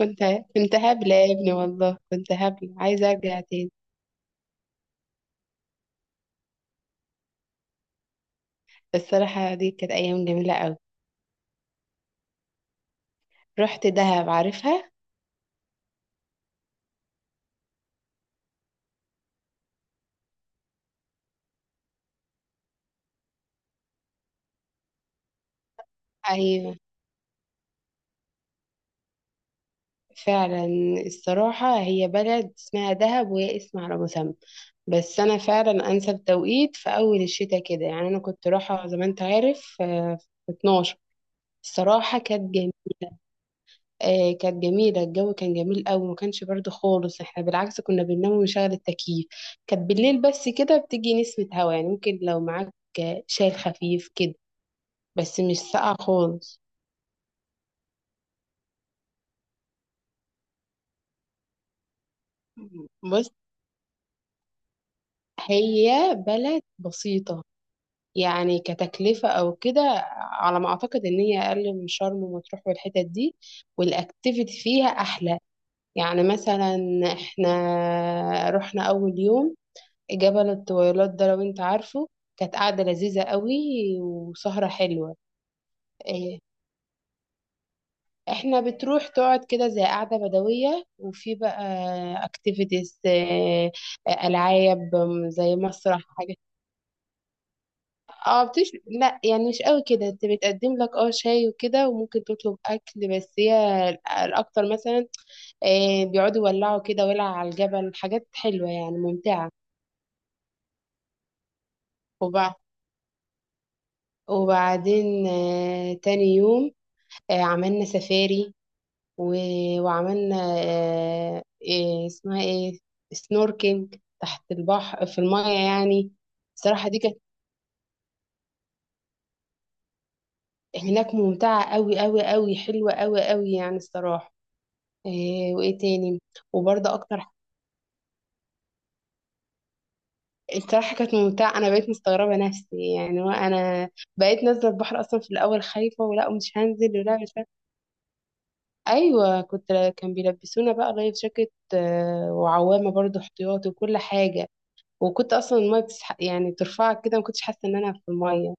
كنت كنت هبلة يا ابني، والله كنت هبلة عايزة أرجع تاني. الصراحة دي كانت أيام جميلة أوي. رحت دهب، عارفها؟ أيوة، فعلا. الصراحة هي بلد اسمها دهب، وهي اسم على مسمى. بس أنا فعلا أنسب توقيت في أول الشتاء كده، يعني أنا كنت رايحة زي ما أنت عارف، في 12. الصراحة كانت جميلة. كانت جميلة، الجو كان جميل قوي، ما كانش برد خالص. احنا بالعكس كنا بننام ونشغل التكييف. كانت بالليل بس كده بتيجي نسمة هوا، يعني ممكن لو معاك شاي خفيف كده، بس مش ساقعة خالص. بص، هي بلد بسيطة. يعني كتكلفة أو كده، على ما أعتقد إن هي أقل من شرم ومطروح والحتت دي، والأكتيفيتي فيها أحلى. يعني مثلا إحنا رحنا أول يوم جبل الطويلات ده، لو انت عارفه. كانت قعدة لذيذة قوي وسهرة حلوة. إيه، احنا بتروح تقعد كده زي قعدة بدوية، وفي بقى اكتيفيتيز، ألعاب زي مسرح حاجة. اه بتش لا يعني مش قوي كده، انت بتقدم لك اه شاي وكده، وممكن تطلب اكل. بس هي الاكتر مثلا بيقعدوا يولعوا كده ولع على الجبل، حاجات حلوة يعني ممتعة. وبع- وبعدين تاني يوم عملنا سفاري، و... وعملنا إيه اسمها ايه، سنوركينج، تحت البحر في المايه يعني. الصراحة دي كانت هناك ممتعة قوي قوي قوي، حلوة قوي قوي يعني الصراحة. إيه وايه تاني؟ وبرضه اكتر الصراحة كانت ممتعة، انا بقيت مستغربة نفسي يعني، وانا بقيت نازلة البحر اصلا في الاول خايفة، ولا مش هنزل ولا مش عارفة. ايوه كان بيلبسونا بقى لايف جاكيت، وعوامة برضه احتياطي وكل حاجة. وكنت اصلا الميه يعني ترفعك كده، ما كنتش حاسه ان انا في الميه.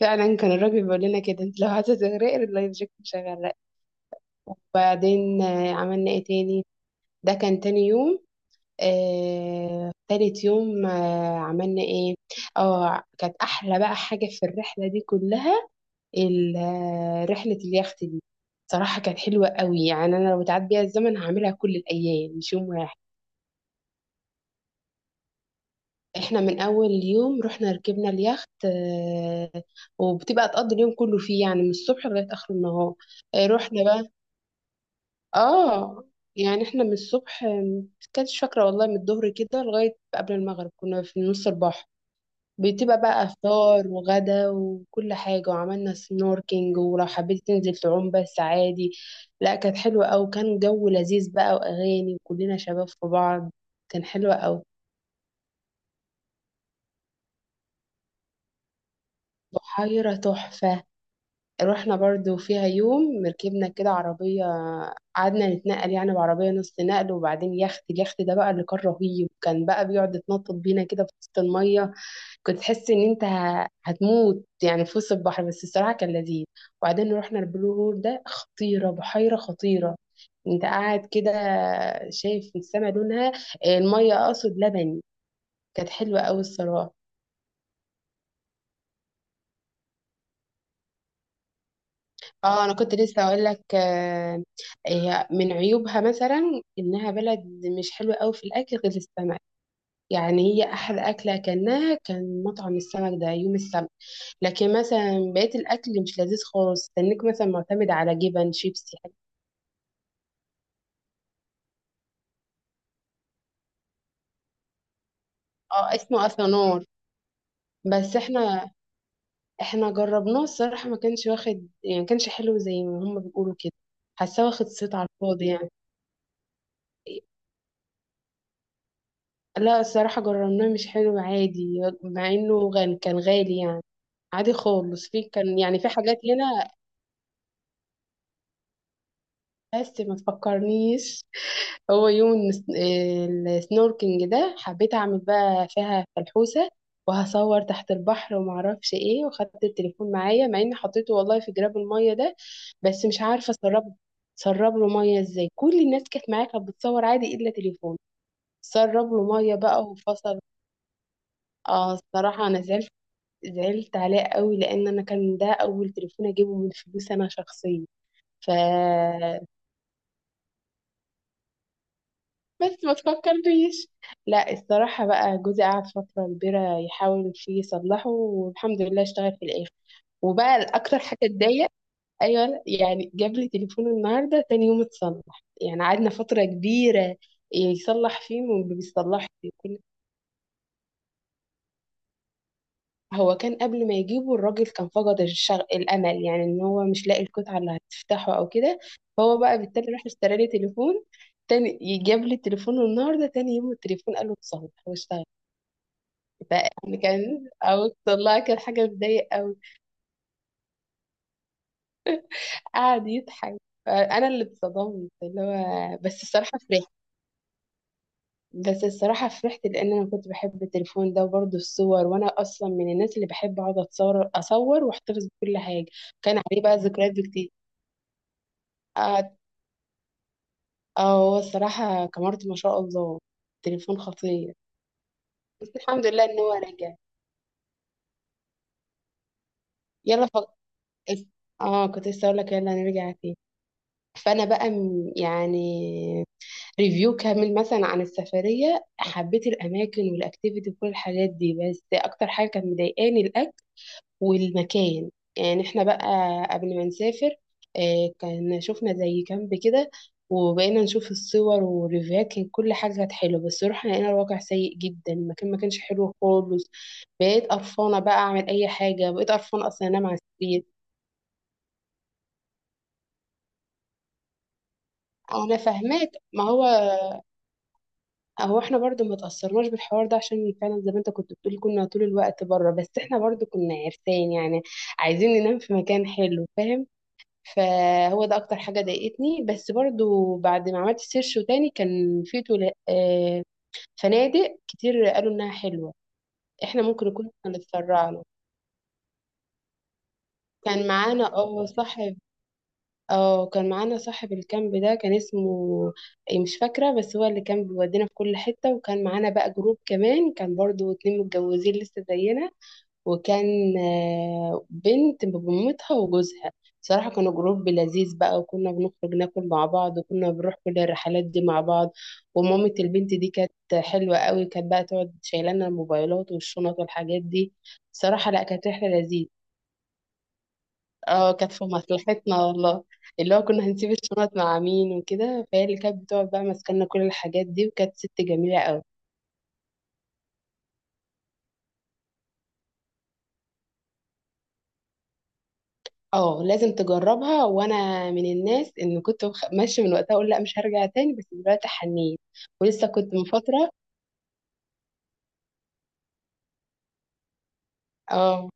فعلا كان الراجل بيقول لنا كده، انت لو عايزه تغرقي اللايف جاكيت مش هيغرقك. وبعدين عملنا ايه تاني؟ ده كان تاني يوم. تالت يوم عملنا ايه؟ اه كانت احلى بقى حاجه في الرحله دي كلها، ال... آه، رحله اليخت دي. صراحه كانت حلوه قوي، يعني انا لو اتعاد بيها الزمن هعملها كل الايام مش يوم واحد. احنا من اول يوم رحنا ركبنا اليخت، وبتبقى تقضي اليوم كله فيه، يعني من الصبح لغايه اخر النهار. رحنا بقى. اه يعني احنا من الصبح، كانتش فاكره والله، من الظهر كده لغايه قبل المغرب كنا في نص البحر. بتبقى بقى فطار وغدا وكل حاجه، وعملنا سنوركينج، ولو حبيت تنزل تعوم بس عادي. لا كانت حلوه أوي، كان جو لذيذ بقى واغاني وكلنا شباب في بعض، كان حلوه أوي. بحيره تحفه، رحنا برضو فيها يوم، ركبنا كده عربية، قعدنا نتنقل يعني بعربية نص نقل، وبعدين يخت. اليخت ده بقى اللي كان رهيب، كان بقى بيقعد يتنطط بينا كده في وسط المية. كنت تحس ان انت هتموت يعني في وسط البحر، بس الصراحة كان لذيذ. وبعدين رحنا البلو هول ده، خطيرة، بحيرة خطيرة. انت قاعد كده شايف السما لونها، المية اقصد، لبني. كانت حلوة قوي الصراحة. اه انا كنت لسه اقول لك، هي من عيوبها مثلا انها بلد مش حلوه قوي في الاكل غير السمك. يعني هي احلى اكله اكلناها كان مطعم السمك ده يوم السبت، لكن مثلا بقيه الاكل مش لذيذ خالص، استنيك مثلا معتمد على جبن شيبسي حاجة. اه اسمه اثنور. بس احنا جربناه الصراحه، ما كانش واخد، يعني ما كانش حلو زي ما هم بيقولوا كده، حاساه واخد صيت على الفاضي يعني. لا الصراحة جربناه مش حلو عادي، مع انه غن كان غالي يعني. عادي خالص، في كان يعني في حاجات هنا. بس ما تفكرنيش. هو يوم السنوركينج ده حبيت اعمل بقى فيها فلحوسة، وهصور تحت البحر وما اعرفش ايه، وخدت التليفون معايا، مع اني حطيته والله في جراب المية ده. بس مش عارفة اسرب، سرب له مية ازاي؟ كل الناس كانت معايا كانت بتصور عادي، الا تليفون سرب له مية بقى وفصل. اه الصراحة انا زعلت، زعلت عليه قوي، لان انا كان ده اول تليفون اجيبه من فلوس انا شخصيا. ف بس ما تفكرنيش. لا الصراحه بقى جوزي قعد فتره كبيره يحاول فيه يصلحه، والحمد لله اشتغل في الاخر، وبقى اكتر حاجه اتضايق. ايوه لا، يعني جاب لي تليفون النهارده تاني يوم اتصلح، يعني قعدنا فتره كبيره يصلح فيه وما بيصلحش. هو كان قبل ما يجيبه الراجل كان فقد الامل، يعني ان هو مش لاقي القطعه اللي هتفتحه او كده. فهو بقى بالتالي راح اشترى لي تليفون تاني، جاب لي التليفون النهارده تاني يوم التليفون قال له اتصلح واشتغل. بقى يعني كان او، والله كان حاجه مضايق قوي. قعد يضحك، انا اللي اتصدمت اللي هو. بس الصراحه فرحت، لان انا كنت بحب التليفون ده، وبرضه الصور، وانا اصلا من الناس اللي بحب اقعد اتصور اصور واحتفظ بكل حاجه. كان عليه بقى ذكريات كتير. اه هو الصراحة كاميرته ما شاء الله، تليفون خطير. بس الحمد لله ان هو رجع. يلا فك... اه كنت لسه اقول لك يلا نرجع فيه. فانا بقى يعني ريفيو كامل مثلا عن السفرية، حبيت الاماكن والاكتيفيتي وكل الحاجات دي، بس اكتر حاجة كانت مضايقاني الاكل والمكان. يعني احنا بقى قبل ما نسافر كان شفنا زي كامب كده، وبقينا نشوف الصور والريفيوهات، كان كل حاجة كانت حلوة، بس روحنا لقينا الواقع سيء جدا، المكان ما كانش حلو خالص. بقيت قرفانة بقى أعمل أي حاجة، بقيت قرفانة أصلا أنام على السرير. أنا فاهماك. ما هو هو احنا برضو ما تأثرناش بالحوار ده، عشان فعلا زي ما انت كنت بتقول كنا طول الوقت بره، بس احنا برضو كنا عرسان يعني، عايزين ننام في مكان حلو، فاهم. فهو ده اكتر حاجه ضايقتني، بس برضو بعد ما عملت سيرش وتاني كان في فنادق كتير قالوا انها حلوه. احنا ممكن نكون كنا اتسرعنا. كان معانا اه صاحب، اه كان معانا صاحب الكامب ده، كان اسمه إيه مش فاكره، بس هو اللي كان بيودينا في كل حته، وكان معانا بقى جروب كمان، كان برضو اتنين متجوزين لسه زينا، وكان بنت بمامتها وجوزها. صراحة كانوا جروب لذيذ بقى، وكنا بنخرج ناكل مع بعض، وكنا بنروح كل الرحلات دي مع بعض. ومامة البنت دي كانت حلوة قوي، كانت بقى تقعد شايلانا الموبايلات والشنط والحاجات دي. صراحة لا كانت رحلة لذيذة. اه كانت في مصلحتنا والله. اللي هو كنا هنسيب الشنط مع مين وكده، فهي اللي كانت بتقعد بقى ماسكالنا كل الحاجات دي، وكانت ست جميلة قوي. اه لازم تجربها، وانا من الناس ان كنت ماشيه من وقتها اقول لا مش هرجع تاني، بس دلوقتي حنيت. ولسه كنت من فتره. اه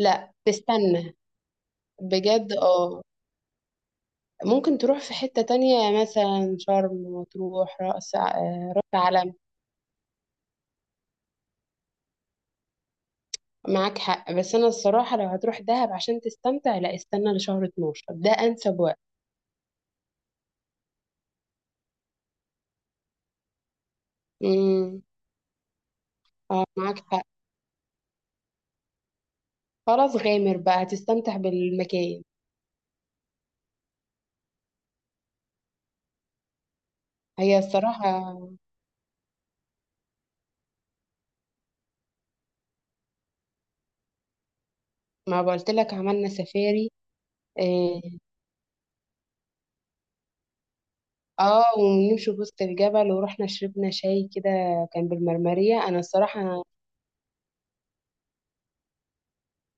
لا تستنى، بجد اه. ممكن تروح في حته تانية مثلا شرم، وتروح رأس، رأس علم. معاك حق، بس انا الصراحه لو هتروح دهب عشان تستمتع، لا استنى لشهر 12 ده انسب وقت. امم. اه معاك حق، خلاص غامر بقى هتستمتع بالمكان. هي الصراحه، ما قلت لك عملنا سفاري، آه، اه ونمشي في وسط الجبل، ورحنا شربنا شاي كده كان بالمرمرية، انا الصراحة.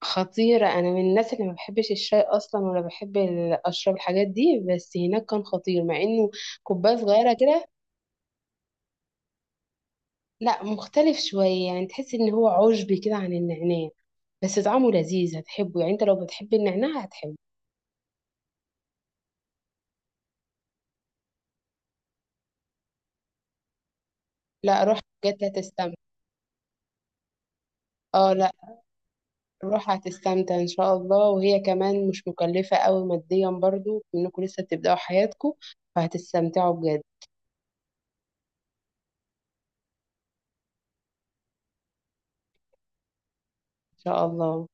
خطيرة، انا من الناس اللي ما بحبش الشاي اصلا ولا بحب اشرب الحاجات دي، بس هناك كان خطير، مع انه كوباية صغيرة كده. لا مختلف شوية، يعني تحس ان هو عشبي كده عن النعناع، بس طعمه لذيذ هتحبه، يعني انت لو بتحب النعناع هتحبه. لا روح بجد هتستمتع. اه لا، روح هتستمتع ان شاء الله، وهي كمان مش مكلفة قوي ماديا، برضو انكم لسه بتبدأوا حياتكم، فهتستمتعوا بجد ان شاء الله.